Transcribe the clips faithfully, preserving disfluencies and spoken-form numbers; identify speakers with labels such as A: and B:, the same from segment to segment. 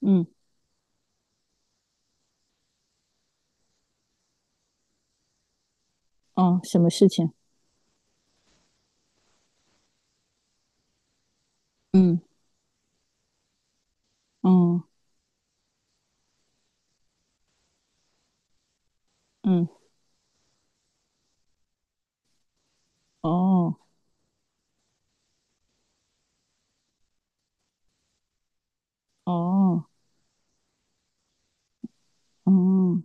A: 嗯，哦，什么事情？嗯，嗯，嗯，哦，哦，嗯，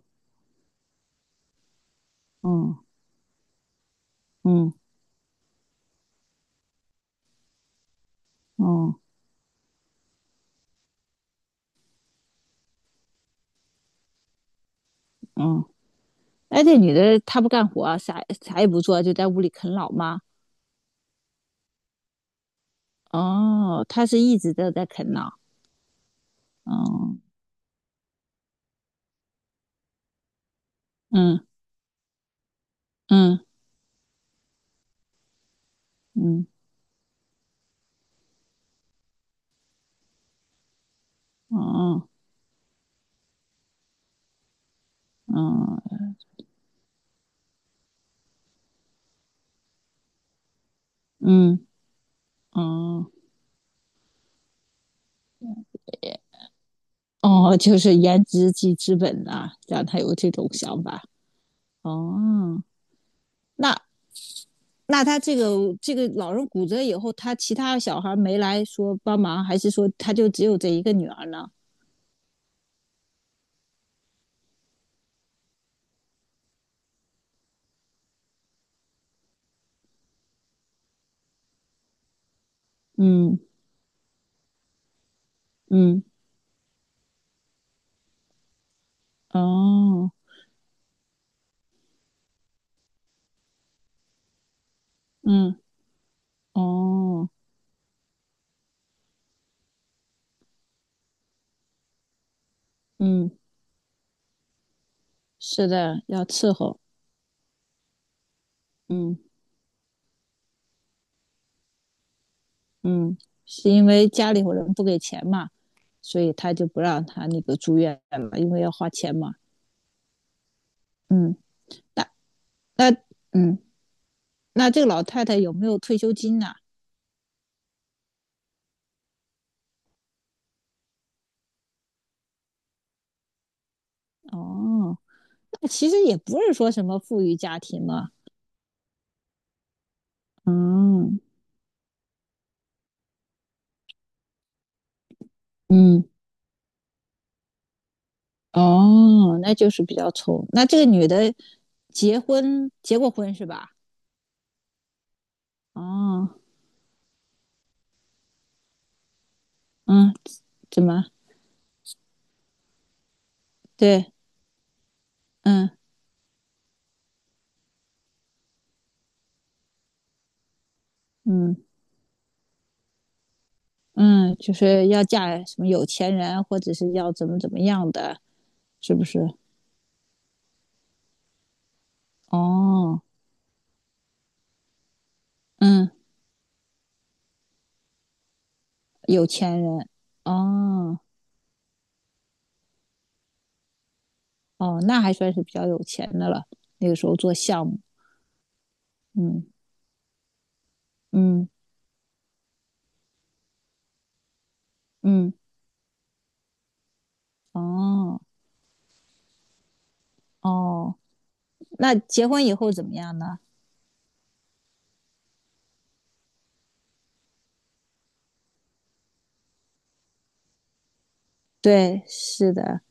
A: 嗯，嗯，哦嗯。哎，这女的她不干活啊，啥啥也不做，就在屋里啃老吗？哦，她是一直都在啃老。哦，嗯，嗯，嗯，哦，嗯，嗯，哦，哦，就是颜值即资本呐、让她有这种想法。哦，那那他这个这个老人骨折以后，他其他小孩没来说帮忙，还是说他就只有这一个女儿呢？嗯嗯，哦，嗯哦，嗯，是的，要伺候，嗯嗯，是因为家里有人不给钱嘛，所以他就不让他那个住院了，因为要花钱嘛。嗯，那那嗯，那这个老太太有没有退休金呢、哦，那其实也不是说什么富裕家庭嘛。嗯嗯。哦，那就是比较冲。那这个女的结婚结过婚是吧？哦，嗯，怎么？对，嗯嗯嗯，就是要嫁什么有钱人，或者是要怎么怎么样的，是不是？哦，嗯，有钱人，哦哦，那还算是比较有钱的了。那个时候做项目，嗯嗯嗯，哦哦，那结婚以后怎么样呢？对，是的，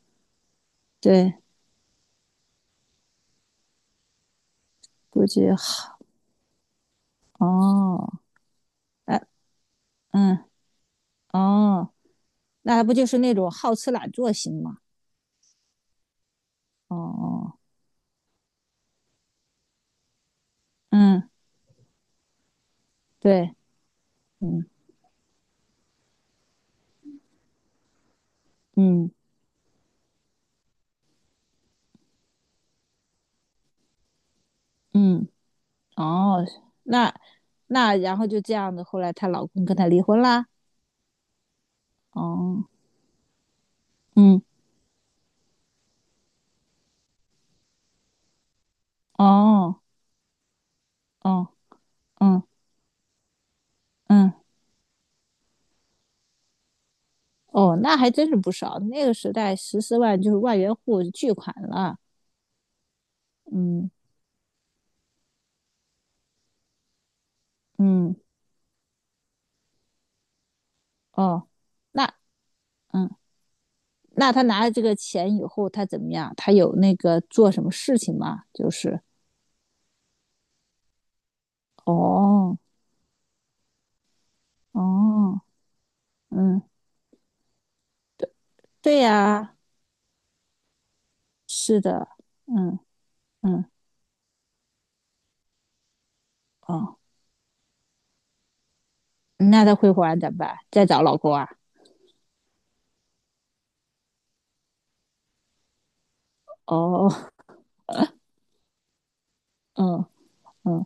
A: 对，估计哦，哎，嗯，哦，那不就是那种好吃懒做型嘛？哦哦，嗯，对，嗯嗯嗯，哦，那那然后就这样子，后来她老公跟她离婚啦。哦，嗯，哦哦，嗯嗯，哦，那还真是不少，那个时代十四万就是万元户巨款了。嗯嗯，哦，那嗯。那他拿了这个钱以后，他怎么样？他有那个做什么事情吗？就是哦哦，嗯，对呀、啊是的，嗯嗯哦，那他会还怎么办？再找老公啊？哦，嗯嗯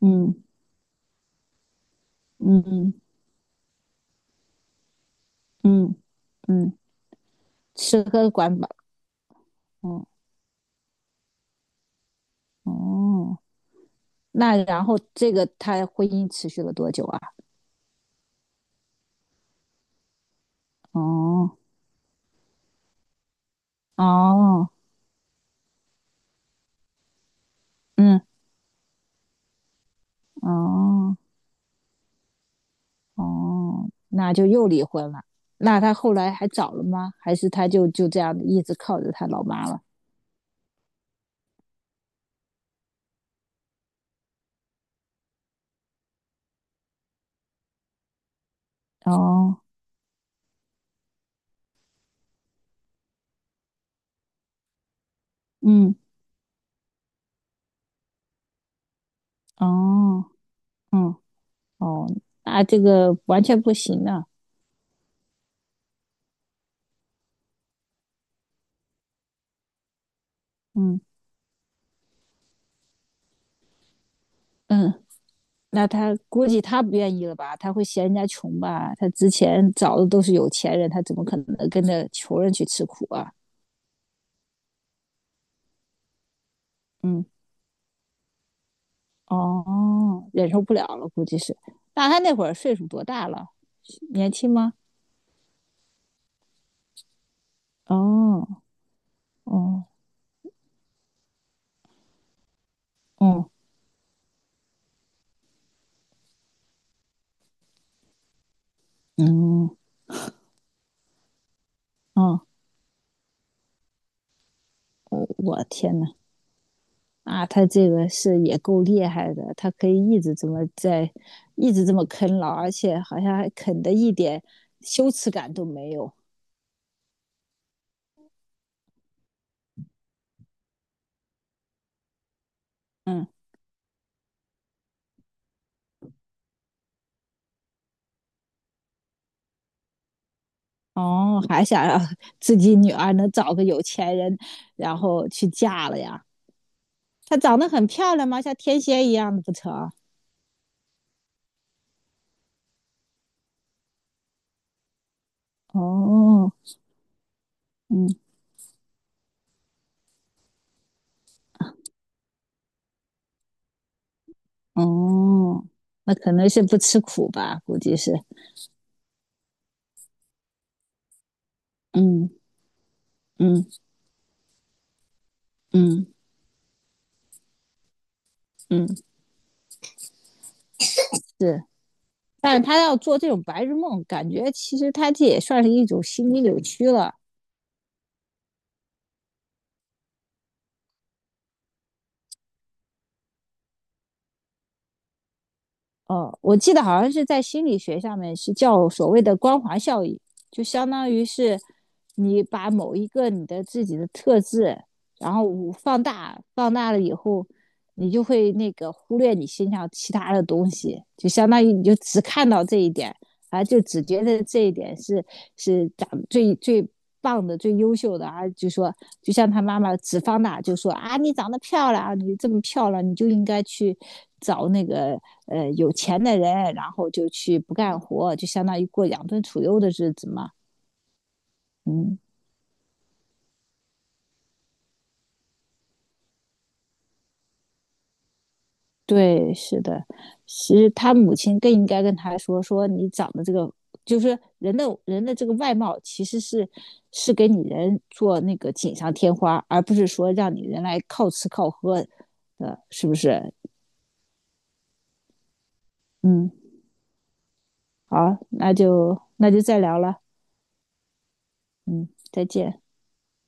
A: 嗯嗯嗯嗯嗯，吃喝管饱，嗯哦，那然后这个他婚姻持续了多久啊？哦哦，嗯哦。哦，那就又离婚了。那他后来还找了吗？还是他就就这样一直靠着他老妈了？哦，嗯，哦，嗯，哦，那这个完全不行啊。嗯嗯，那他估计他不愿意了吧？他会嫌人家穷吧？他之前找的都是有钱人，他怎么可能跟着穷人去吃苦啊？嗯，哦，忍受不了了，估计是。那他那会儿岁数多大了？年轻吗？哦，哦，哦，嗯。嗯哦，我天呐，啊，他这个是也够厉害的，他可以一直这么在，一直这么啃老，而且好像还啃的一点羞耻感都没有。嗯，哦，还想让 自己女儿能找个有钱人，然后去嫁了呀？她长得很漂亮吗？像天仙一样的不成？哦，嗯，哦，那可能是不吃苦吧，估计是。嗯嗯嗯嗯，是。但是他要做这种白日梦，感觉其实他这也算是一种心理扭曲了。呃，我记得好像是在心理学上面是叫所谓的光环效应，就相当于是你把某一个你的自己的特质，然后放大，放大了以后，你就会那个忽略你身上其他的东西，就相当于你就只看到这一点，啊，就只觉得这一点是是长最最棒的、最优秀的啊。就说，就像他妈妈只方，大就说啊，你长得漂亮啊，你这么漂亮，你就应该去找那个呃有钱的人，然后就去不干活，就相当于过养尊处优的日子嘛。嗯。对，是的，其实他母亲更应该跟他说，说你长得这个，就是人的人的这个外貌，其实是是给你人做那个锦上添花，而不是说让你人来靠吃靠喝的，是不是？嗯，好，那就那就再聊了，嗯，再见。